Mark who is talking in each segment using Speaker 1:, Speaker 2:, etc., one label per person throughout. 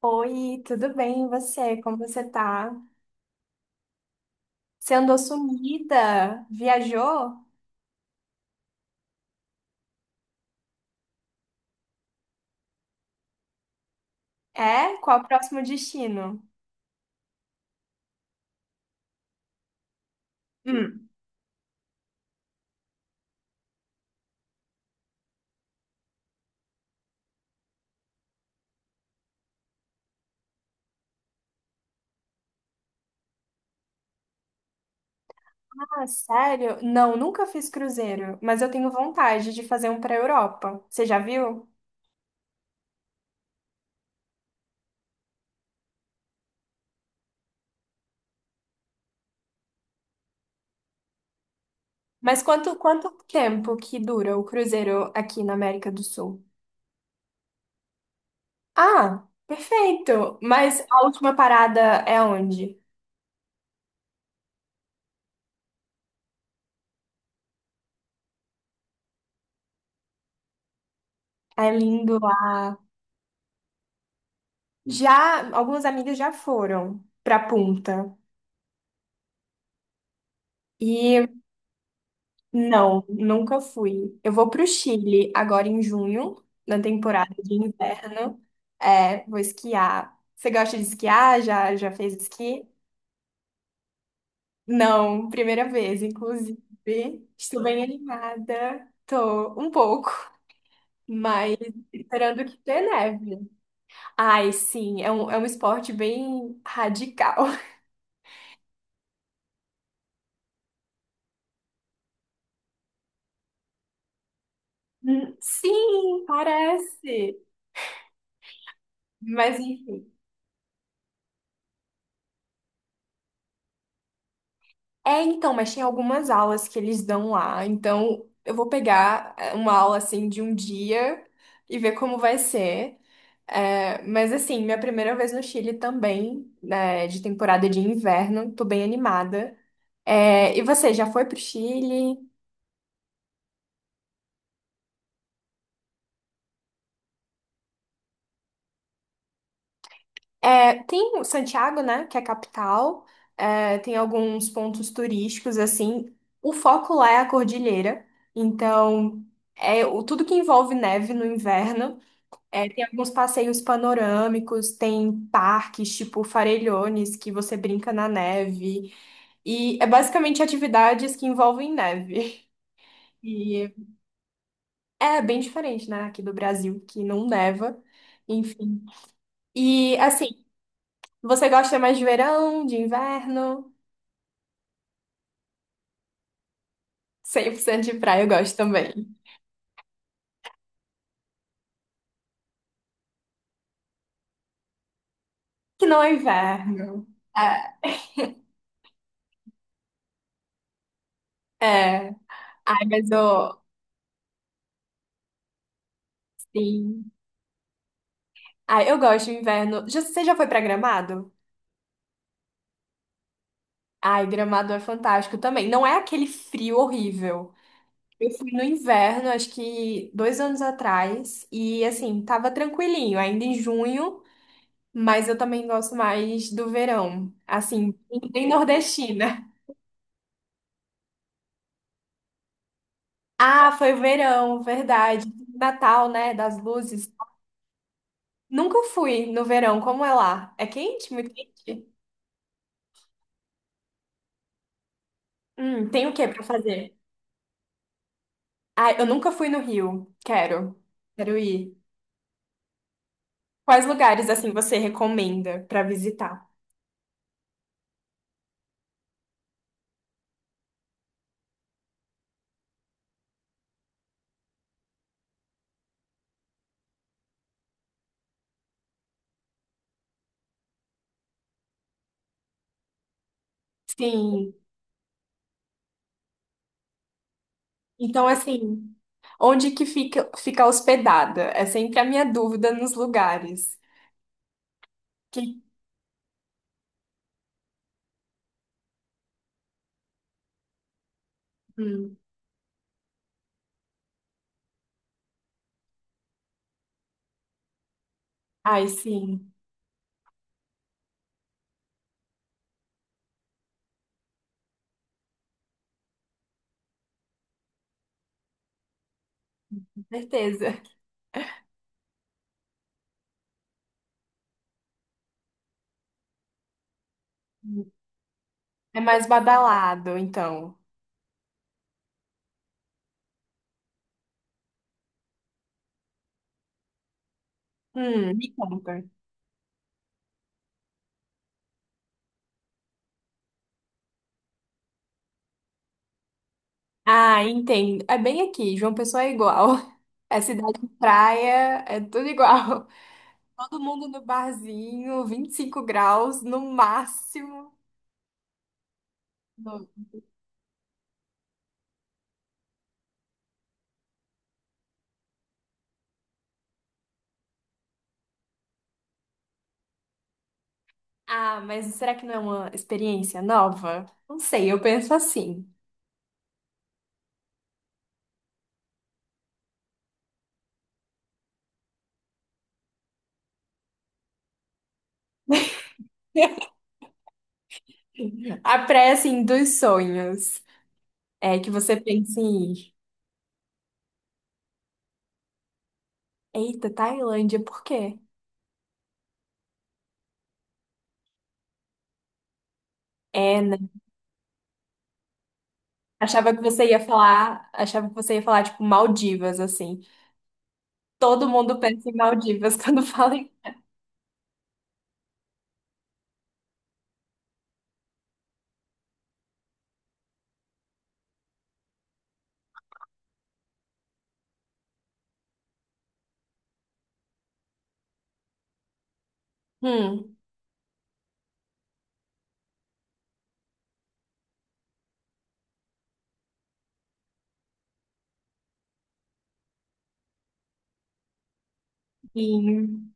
Speaker 1: Oi, tudo bem? E você? Como você tá? Você andou sumida? Viajou? É? Qual o próximo destino? Hum. Ah, sério? Não, nunca fiz cruzeiro, mas eu tenho vontade de fazer um para Europa. Você já viu? Mas quanto tempo que dura o cruzeiro aqui na América do Sul? Ah, perfeito! Mas a última parada é onde? É lindo lá. Já, algumas amigas já foram pra Punta. e Não, nunca fui. Eu vou para o Chile agora em junho, na temporada de inverno. É, vou esquiar. Você gosta de esquiar? Já fez esqui? Não, primeira vez, inclusive. Estou bem animada. Tô um pouco, mas esperando que tenha neve. Ai, sim, é um esporte bem radical. Sim, parece. Mas enfim. É, então, mas tem algumas aulas que eles dão lá. Então, eu vou pegar é, uma aula assim de um dia e ver como vai ser. É, mas assim, minha primeira vez no Chile também, né, de temporada de inverno, tô bem animada. É, e você já foi pro Chile? É, tem o Santiago, né, que é a capital. É, tem alguns pontos turísticos assim. O foco lá é a cordilheira. Então, tudo que envolve neve no inverno. É, tem alguns passeios panorâmicos, tem parques tipo Farellones, que você brinca na neve. E é basicamente atividades que envolvem neve. E é bem diferente, né, aqui do Brasil, que não neva. Enfim. E assim, você gosta mais de verão, de inverno? Cem por cento de praia eu gosto também. Que não é inverno. É. É. Ai, mas eu. Sim. Ai, eu gosto de inverno. Você já foi pra Gramado? Ai, Gramado é fantástico também. Não é aquele frio horrível. Eu fui no inverno, acho que 2 anos atrás, e assim, tava tranquilinho, ainda em junho, mas eu também gosto mais do verão. Assim, bem nordestina. Ah, foi verão, verdade. Natal, né? Das luzes. Nunca fui no verão, como é lá? É quente? Muito quente? Tem o que pra fazer? Ah, eu nunca fui no Rio. Quero. Quero ir. Quais lugares assim você recomenda pra visitar? Sim. Então, assim, onde que fica hospedada? É sempre a minha dúvida nos lugares. Que... Hum. Ai, sim, com certeza. É mais badalado, então. Me conta. Ah, entendo. É bem aqui, João Pessoa é igual. É cidade de praia, é tudo igual. Todo mundo no barzinho, 25 graus no máximo. No- Ah, mas será que não é uma experiência nova? Não sei, eu penso assim. A praia, assim, dos sonhos. É que você pensa em ir. Eita, Tailândia, por quê? É, né? Achava que você ia falar, achava que você ia falar, tipo, Maldivas, assim. Todo mundo pensa em Maldivas quando fala em... Hum, sim.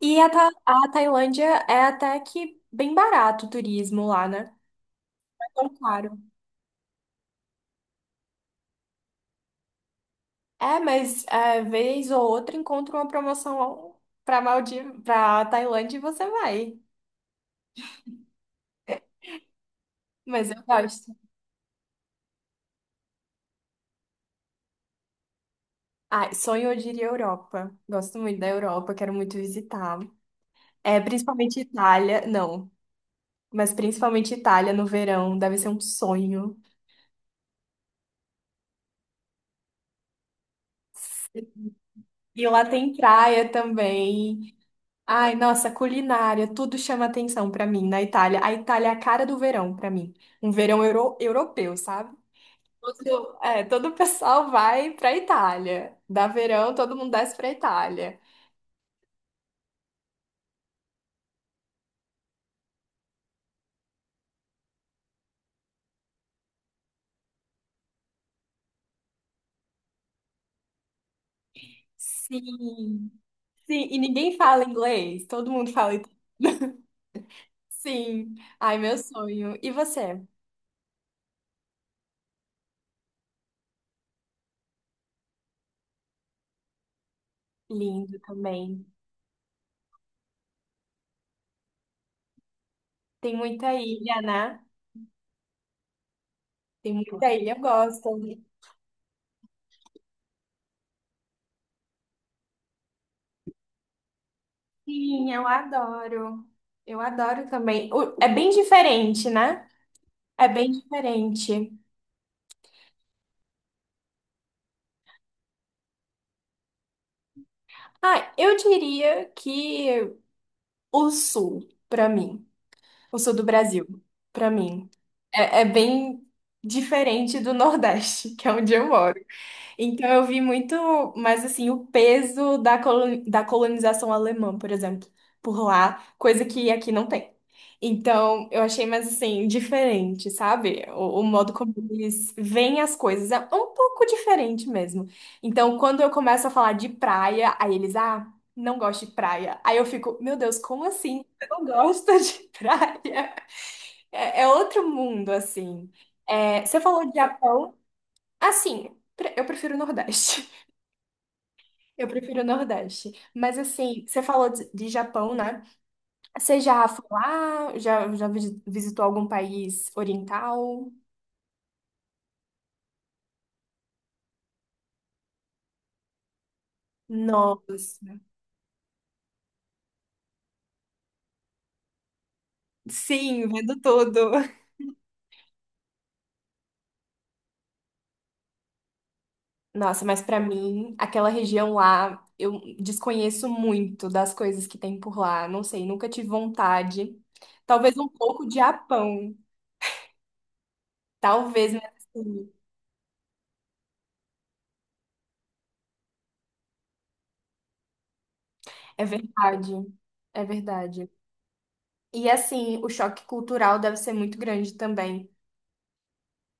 Speaker 1: E a Tailândia é até que bem barato o turismo lá, né? Não é tão caro. É, mas é, vez ou outra encontra uma promoção pra Tailândia e você vai. Mas eu gosto. Ah, sonho eu diria Europa. Gosto muito da Europa, quero muito visitar. É, principalmente Itália, não, mas principalmente Itália no verão, deve ser um sonho. E lá tem praia também. Ai, nossa, culinária, tudo chama atenção pra mim na Itália. A Itália é a cara do verão pra mim. Um verão europeu, sabe? Todo o pessoal vai pra Itália. Dá verão, todo mundo desce pra Itália. Sim. Sim, e ninguém fala inglês, todo mundo fala. Sim. Ai, meu sonho. E você? Lindo também. Tem muita ilha, né? Tem muita ilha, eu gosto. Sim, eu adoro. Eu adoro também. É bem diferente, né? É bem diferente. Ah, eu diria que o sul, pra mim, o sul do Brasil, pra mim, é bem diferente do Nordeste, que é onde eu moro. Então eu vi muito, mas assim, o peso da colonização alemã, por exemplo, por lá, coisa que aqui não tem. Então eu achei mais assim, diferente, sabe? O modo como eles veem as coisas é um pouco diferente mesmo. Então quando eu começo a falar de praia, aí eles, ah, não gosto de praia. Aí eu fico, meu Deus, como assim? Você não gosta de praia? É outro mundo, assim. É, você falou de Japão, assim, eu prefiro o Nordeste. Eu prefiro o Nordeste. Mas assim, você falou de Japão, né? Você já foi lá? Visitou algum país oriental? Nossa. Sim, vendo tudo. Nossa, mas pra mim, aquela região lá, eu desconheço muito das coisas que tem por lá. Não sei, nunca tive vontade. Talvez um pouco de Japão. Talvez, mas assim, é verdade. É verdade. E assim, o choque cultural deve ser muito grande também.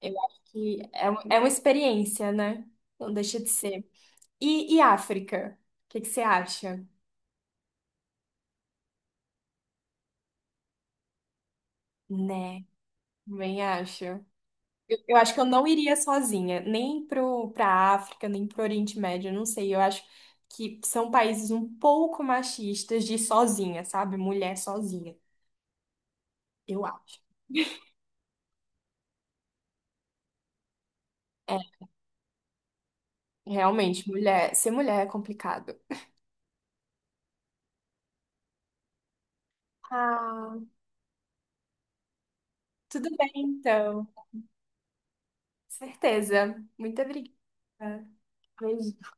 Speaker 1: Eu acho que é, é uma experiência, né? Não deixa de ser. E África? O que que você acha? Né, também acho. Eu acho que eu não iria sozinha, nem pra África, nem pro Oriente Médio, eu não sei. Eu acho que são países um pouco machistas de ir sozinha, sabe? Mulher sozinha, eu acho. É, realmente, mulher, ser mulher é complicado. Ah, tudo bem, então. Certeza. Muito obrigada. Beijinho.